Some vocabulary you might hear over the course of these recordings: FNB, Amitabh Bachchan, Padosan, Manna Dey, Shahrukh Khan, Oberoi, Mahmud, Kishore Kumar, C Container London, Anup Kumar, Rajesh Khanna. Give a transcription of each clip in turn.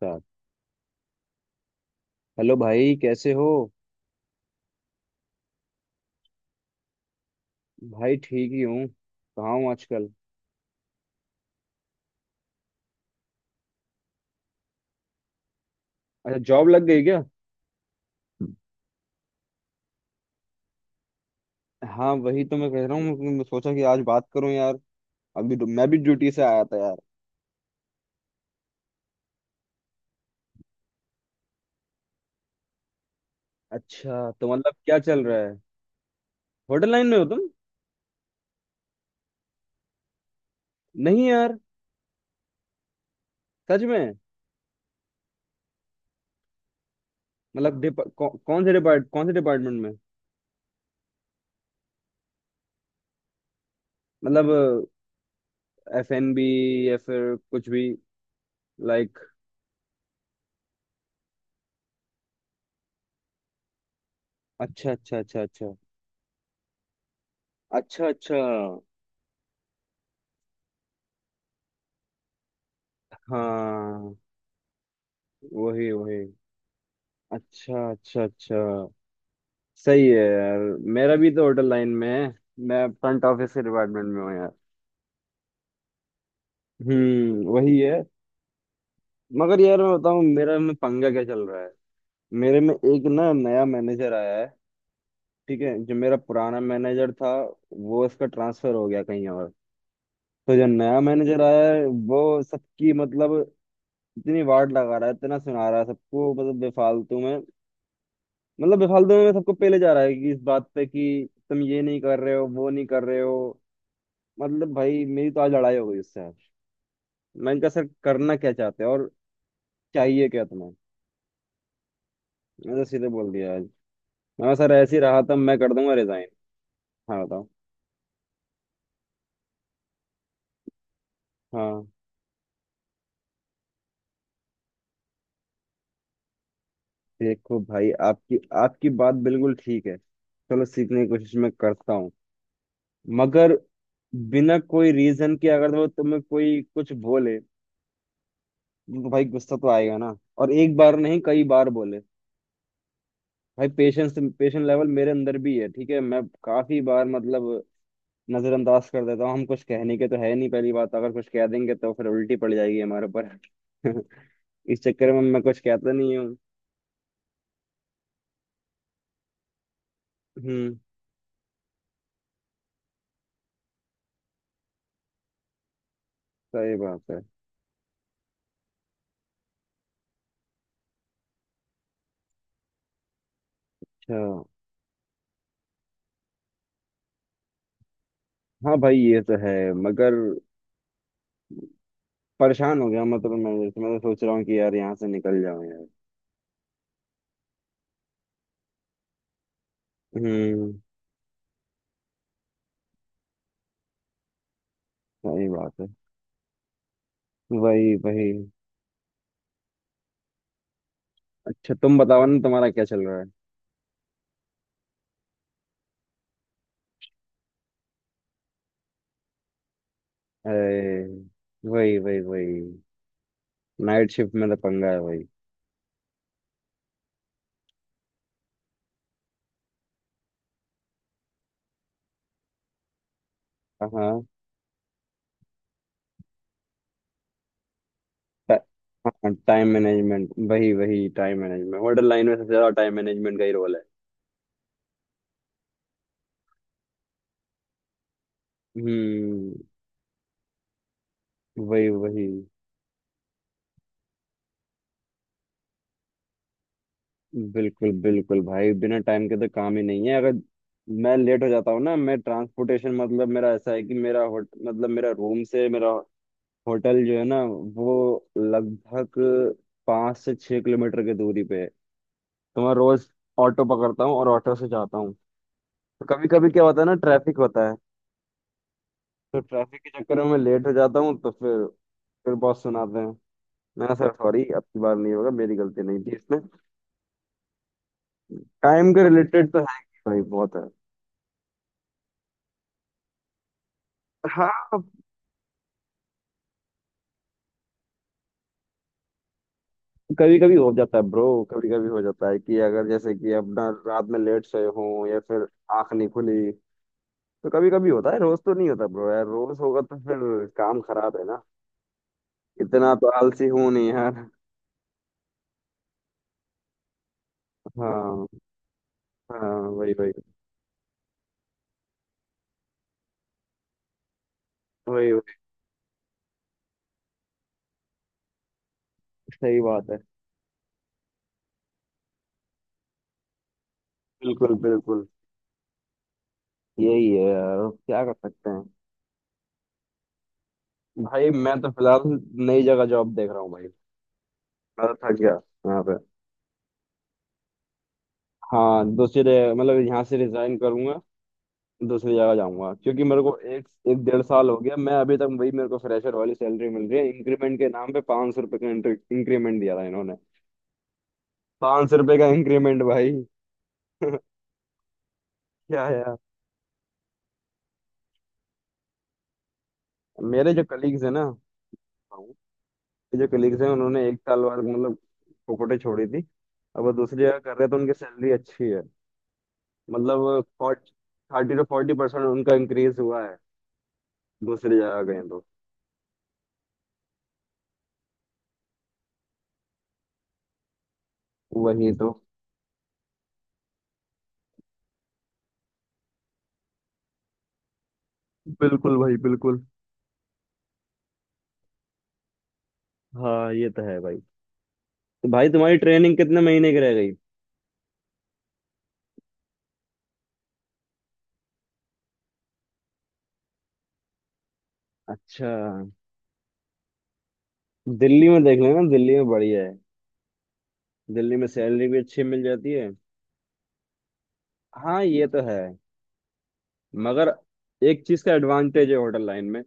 साथ। हेलो भाई, कैसे हो? भाई, ठीक ही हूँ। कहाँ हूँ आजकल? अच्छा, जॉब लग गई क्या? हाँ, वही तो मैं कह रहा हूँ। मैं सोचा कि आज बात करूँ यार। मैं भी ड्यूटी से आया था यार। अच्छा, तो मतलब क्या चल रहा है? होटल लाइन में हो तुम? नहीं यार, सच में? मतलब डिपा- कौ, कौन से डिपार्ट कौन से डिपार्टमेंट में? मतलब FNB, या फिर कुछ भी, लाइक? अच्छा, अच्छा, अच्छा, अच्छा, अच्छा, अच्छा। हाँ, वही वही। अच्छा, अच्छा, अच्छा। सही है यार। मेरा भी तो होटल लाइन में है। मैं फ्रंट ऑफिस के डिपार्टमेंट में हूँ यार। हम्म, वही है। मगर यार, मैं बताऊँ मेरा में पंगा क्या चल रहा है। मेरे में एक ना, नया मैनेजर आया है, ठीक है। जो मेरा पुराना मैनेजर था, वो इसका ट्रांसफर हो गया कहीं और। तो जो नया मैनेजर आया है, वो सबकी, मतलब, इतनी वार्ड लगा रहा है, इतना सुना रहा है सबको, मतलब बेफालतू में। मतलब बेफालतू में सबको पहले जा रहा है, कि इस बात पे कि तुम ये नहीं कर रहे हो, वो नहीं कर रहे हो। मतलब भाई, मेरी तो आज लड़ाई हो गई उससे, आज। मैंने कहा, सर, करना क्या चाहते हैं, और चाहिए क्या तुम्हें? मैंने तो सीधे बोल दिया आज। मैं कहा, सर, ऐसे ही रहा था, मैं कर दूंगा रिजाइन। हाँ, बताओ। हाँ। देखो भाई, आपकी आपकी बात बिल्कुल ठीक है। चलो, सीखने की कोशिश मैं करता हूँ। मगर बिना कोई रीजन के अगर वो तुम्हें कोई कुछ बोले, तो भाई गुस्सा तो आएगा ना। और एक बार नहीं, कई बार बोले। भाई, पेशेंस पेशेंट लेवल मेरे अंदर भी है, ठीक है। मैं काफी बार, मतलब, नजरअंदाज कर देता हूँ। हम कुछ कहने के तो है नहीं, पहली बात। अगर कुछ कह देंगे तो फिर उल्टी पड़ जाएगी हमारे ऊपर। इस चक्कर में मैं कुछ कहता नहीं हूँ। हम्म, सही बात है। अच्छा। हाँ भाई, ये तो है। मगर परेशान हो गया, मतलब मैं तो सोच रहा हूँ कि यार यहाँ से निकल जाऊँ यार। हम्म, सही बात है। वही वही। अच्छा, तुम बताओ ना, तुम्हारा क्या चल रहा है? अरे, वही वही वही! नाइट शिफ्ट में तो पंगा है, वही। हाँ। टा- हाँ, टाइम मैनेजमेंट, वही वही। टाइम मैनेजमेंट होटल लाइन में सबसे ज्यादा टाइम मैनेजमेंट का ही रोल है। हम्म, वही वही। बिल्कुल बिल्कुल भाई, बिना टाइम के तो काम ही नहीं है। अगर मैं लेट हो जाता हूँ ना, मैं ट्रांसपोर्टेशन, मतलब मेरा ऐसा है कि मेरा होट मतलब मेरा रूम से मेरा होटल जो है ना, वो लगभग 5 से 6 किलोमीटर की दूरी पे है। तो मैं रोज ऑटो पकड़ता हूँ और ऑटो से जाता हूँ। तो कभी कभी क्या होता है ना, ट्रैफिक होता है। तो ट्रैफिक के चक्कर में मैं लेट हो जाता हूँ, तो फिर बहुत सुनाते हैं। मैं, सर सॉरी, अब की बार नहीं होगा, मेरी गलती नहीं थी इसमें। टाइम के रिलेटेड तो है ही भाई, बहुत है। हाँ। कभी कभी हो जाता है ब्रो, कभी कभी हो जाता है कि अगर जैसे कि अपना रात में लेट सोए हो, या फिर आंख नहीं खुली। तो कभी कभी होता है, रोज तो नहीं होता ब्रो यार। रोज होगा तो फिर काम खराब है ना। इतना तो आलसी हूं नहीं यार। हाँ हाँ, वही वही वही वही। सही बात है। बिल्कुल बिल्कुल। यही है यार, अब क्या कर सकते हैं? भाई, मैं तो फिलहाल नई जगह जॉब देख रहा हूँ भाई। मैं तो थक गया यहाँ पे। हाँ, दूसरे, मतलब यहाँ से रिजाइन करूंगा, दूसरी जगह जाऊंगा, क्योंकि मेरे को एक एक डेढ़ साल हो गया, मैं अभी तक वही, मेरे को फ्रेशर वाली सैलरी मिल रही है। इंक्रीमेंट के नाम पे 500 रुपए का इंक्रीमेंट दिया था इन्होंने। 500 रुपए का इंक्रीमेंट, भाई! क्या यार। मेरे जो कलीग्स हैं ना मेरे जो कलीग्स हैं, उन्होंने एक साल बाद, मतलब, पोपटे छोड़ी थी। अब वो दूसरी जगह कर रहे हैं, तो उनकी सैलरी अच्छी है। मतलब 30-40% उनका इंक्रीज हुआ है, दूसरी जगह गए तो। वही तो। बिल्कुल भाई बिल्कुल। हाँ, ये तो है भाई। तो भाई, तुम्हारी ट्रेनिंग कितने महीने की रह गई? अच्छा। दिल्ली में देख लेना, दिल्ली में बढ़िया है। दिल्ली में सैलरी भी अच्छी मिल जाती है। हाँ, ये तो है। मगर एक चीज का एडवांटेज है होटल लाइन में,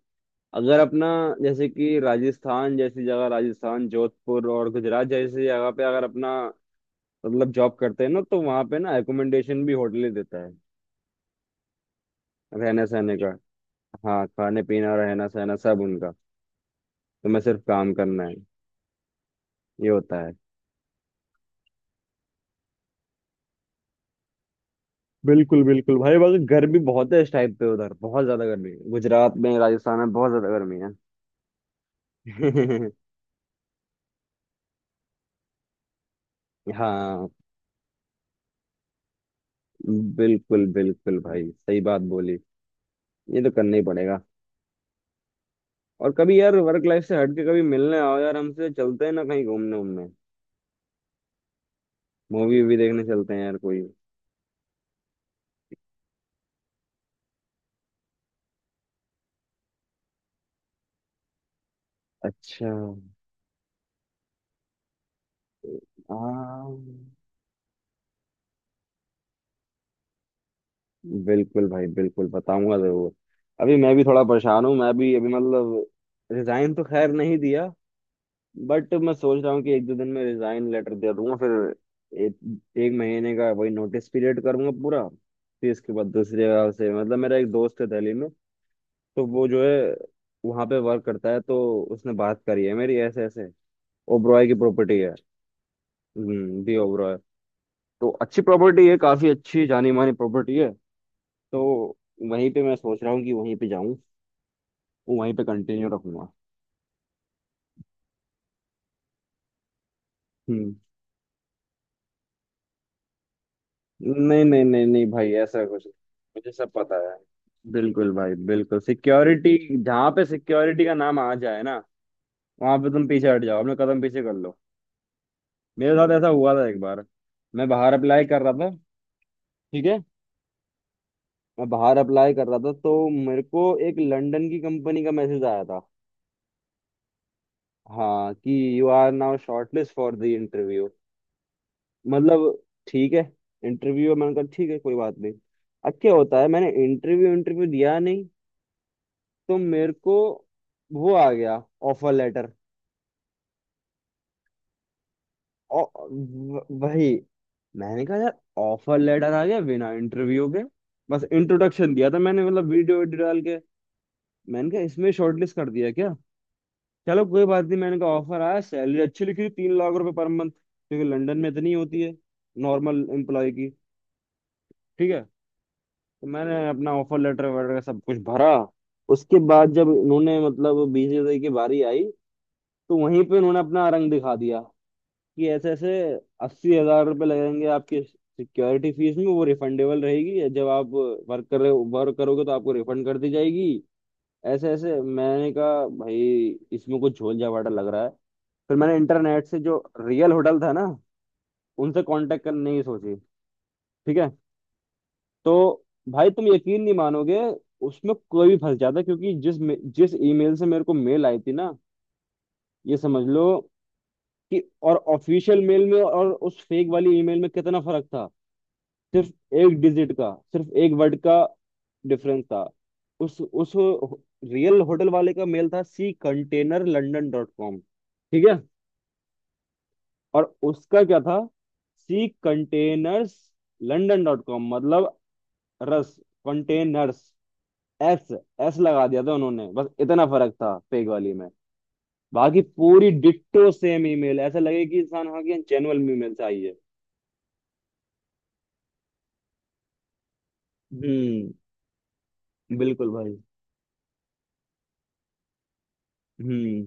अगर अपना, जैसे कि राजस्थान जैसी जगह, राजस्थान, जोधपुर और गुजरात जैसी जगह पे, अगर अपना, मतलब जॉब करते हैं ना, तो वहाँ पे ना एकोमोडेशन भी होटल ही देता है। रहने सहने का। हाँ, खाने पीना रहना सहना सब उनका, तुम्हें सिर्फ काम करना है। ये होता है। बिल्कुल बिल्कुल भाई, बाकी गर्मी बहुत है इस टाइम पे उधर, बहुत ज्यादा गर्मी है गुजरात में, राजस्थान में बहुत ज्यादा गर्मी है। हाँ, बिल्कुल बिल्कुल भाई, सही बात बोली। ये तो करना ही पड़ेगा। और कभी यार वर्क लाइफ से हट के कभी मिलने आओ यार, हमसे चलते हैं ना कहीं घूमने उमने, मूवी भी देखने चलते हैं यार कोई। अच्छा। हाँ बिल्कुल भाई बिल्कुल, बताऊंगा जरूर। अभी मैं भी थोड़ा परेशान हूँ, मैं भी अभी मतलब, रिजाइन तो खैर नहीं दिया, बट मैं सोच रहा हूँ कि एक दो दिन में रिजाइन लेटर दे दूंगा, फिर एक एक महीने का वही नोटिस पीरियड करूंगा पूरा, फिर इसके बाद दूसरी जगह से, मतलब मेरा एक दोस्त है दिल्ली में। तो वो जो है, वहाँ पे वर्क करता है, तो उसने बात करी है मेरी, ऐसे ऐसे, ओबरॉय की प्रॉपर्टी है। हम्म, दी ओबरॉय। तो अच्छी प्रॉपर्टी है, काफी अच्छी जानी मानी प्रॉपर्टी है। तो वहीं पे मैं सोच रहा हूँ कि वहीं पे जाऊँ, वहीं पे कंटिन्यू रखूंगा। नहीं नहीं नहीं नहीं भाई, ऐसा कुछ नहीं। मुझे सब पता है। बिल्कुल भाई बिल्कुल, सिक्योरिटी, जहाँ पे सिक्योरिटी का नाम आ जाए ना, वहां पे तुम पीछे हट जाओ, अपने कदम पीछे कर लो। मेरे साथ ऐसा हुआ था एक बार। मैं बाहर अप्लाई कर रहा था, ठीक है, मैं बाहर अप्लाई कर रहा था, तो मेरे को एक लंदन की कंपनी का मैसेज आया था। हाँ, कि you are now shortlist for the interview, मतलब ठीक है। इंटरव्यू, मैंने कहा ठीक है, कोई बात नहीं। अब क्या होता है, मैंने इंटरव्यू इंटरव्यू दिया नहीं। तो मेरे को वो आ गया, ऑफर लेटर। वही। मैंने कहा यार, ऑफर लेटर आ गया बिना इंटरव्यू के, बस इंट्रोडक्शन दिया था मैंने, मतलब वीडियो वीडियो डाल के। मैंने कहा, इसमें शॉर्टलिस्ट कर दिया क्या? चलो कोई बात नहीं। मैंने कहा, ऑफर आया, सैलरी अच्छी लिखी थी, 3 लाख रुपए पर मंथ, क्योंकि लंदन में इतनी होती है नॉर्मल एम्प्लॉय की, ठीक है। तो मैंने अपना ऑफर लेटर वगैरह सब कुछ भरा। उसके बाद जब इन्होंने, मतलब, बीस की बारी आई, तो वहीं पे उन्होंने अपना रंग दिखा दिया, कि ऐसे ऐसे 80,000 रुपये लगेंगे आपकी सिक्योरिटी फीस में, वो रिफंडेबल रहेगी, जब आप वर्क कर रहे वर्क करोगे तो आपको रिफंड कर दी जाएगी। ऐसे ऐसे मैंने कहा भाई, इसमें कुछ झोल झावाटा लग रहा है। फिर मैंने इंटरनेट से जो रियल होटल था ना, उनसे कांटेक्ट करने की सोची। ठीक है। तो भाई, तुम यकीन नहीं मानोगे, उसमें कोई भी फंस जाता, क्योंकि जिस ईमेल से मेरे को मेल आई थी ना। ये समझ लो, कि और ऑफिशियल मेल में और उस फेक वाली ईमेल में कितना फर्क था, सिर्फ एक डिजिट का, सिर्फ एक वर्ड का डिफरेंस था। उस रियल होटल वाले का मेल था, C container London dot com, ठीक है। और उसका क्या था, C containers London dot com, मतलब रस, कंटेनर्स, एस, एस लगा दिया था उन्होंने, बस इतना फर्क था फेक वाली में। बाकी पूरी डिट्टो सेम ईमेल, ऐसा लगे कि इंसान, हाँ, कि जेन्युइन ईमेल से आई है। हम्म, बिल्कुल भाई। हम्म,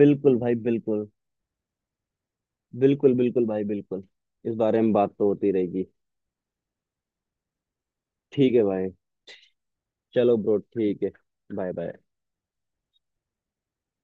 बिल्कुल भाई बिल्कुल। बिल्कुल बिल्कुल भाई बिल्कुल। इस बारे में बात तो होती रहेगी। ठीक है भाई। चलो ब्रो, ठीक है। Bye bye.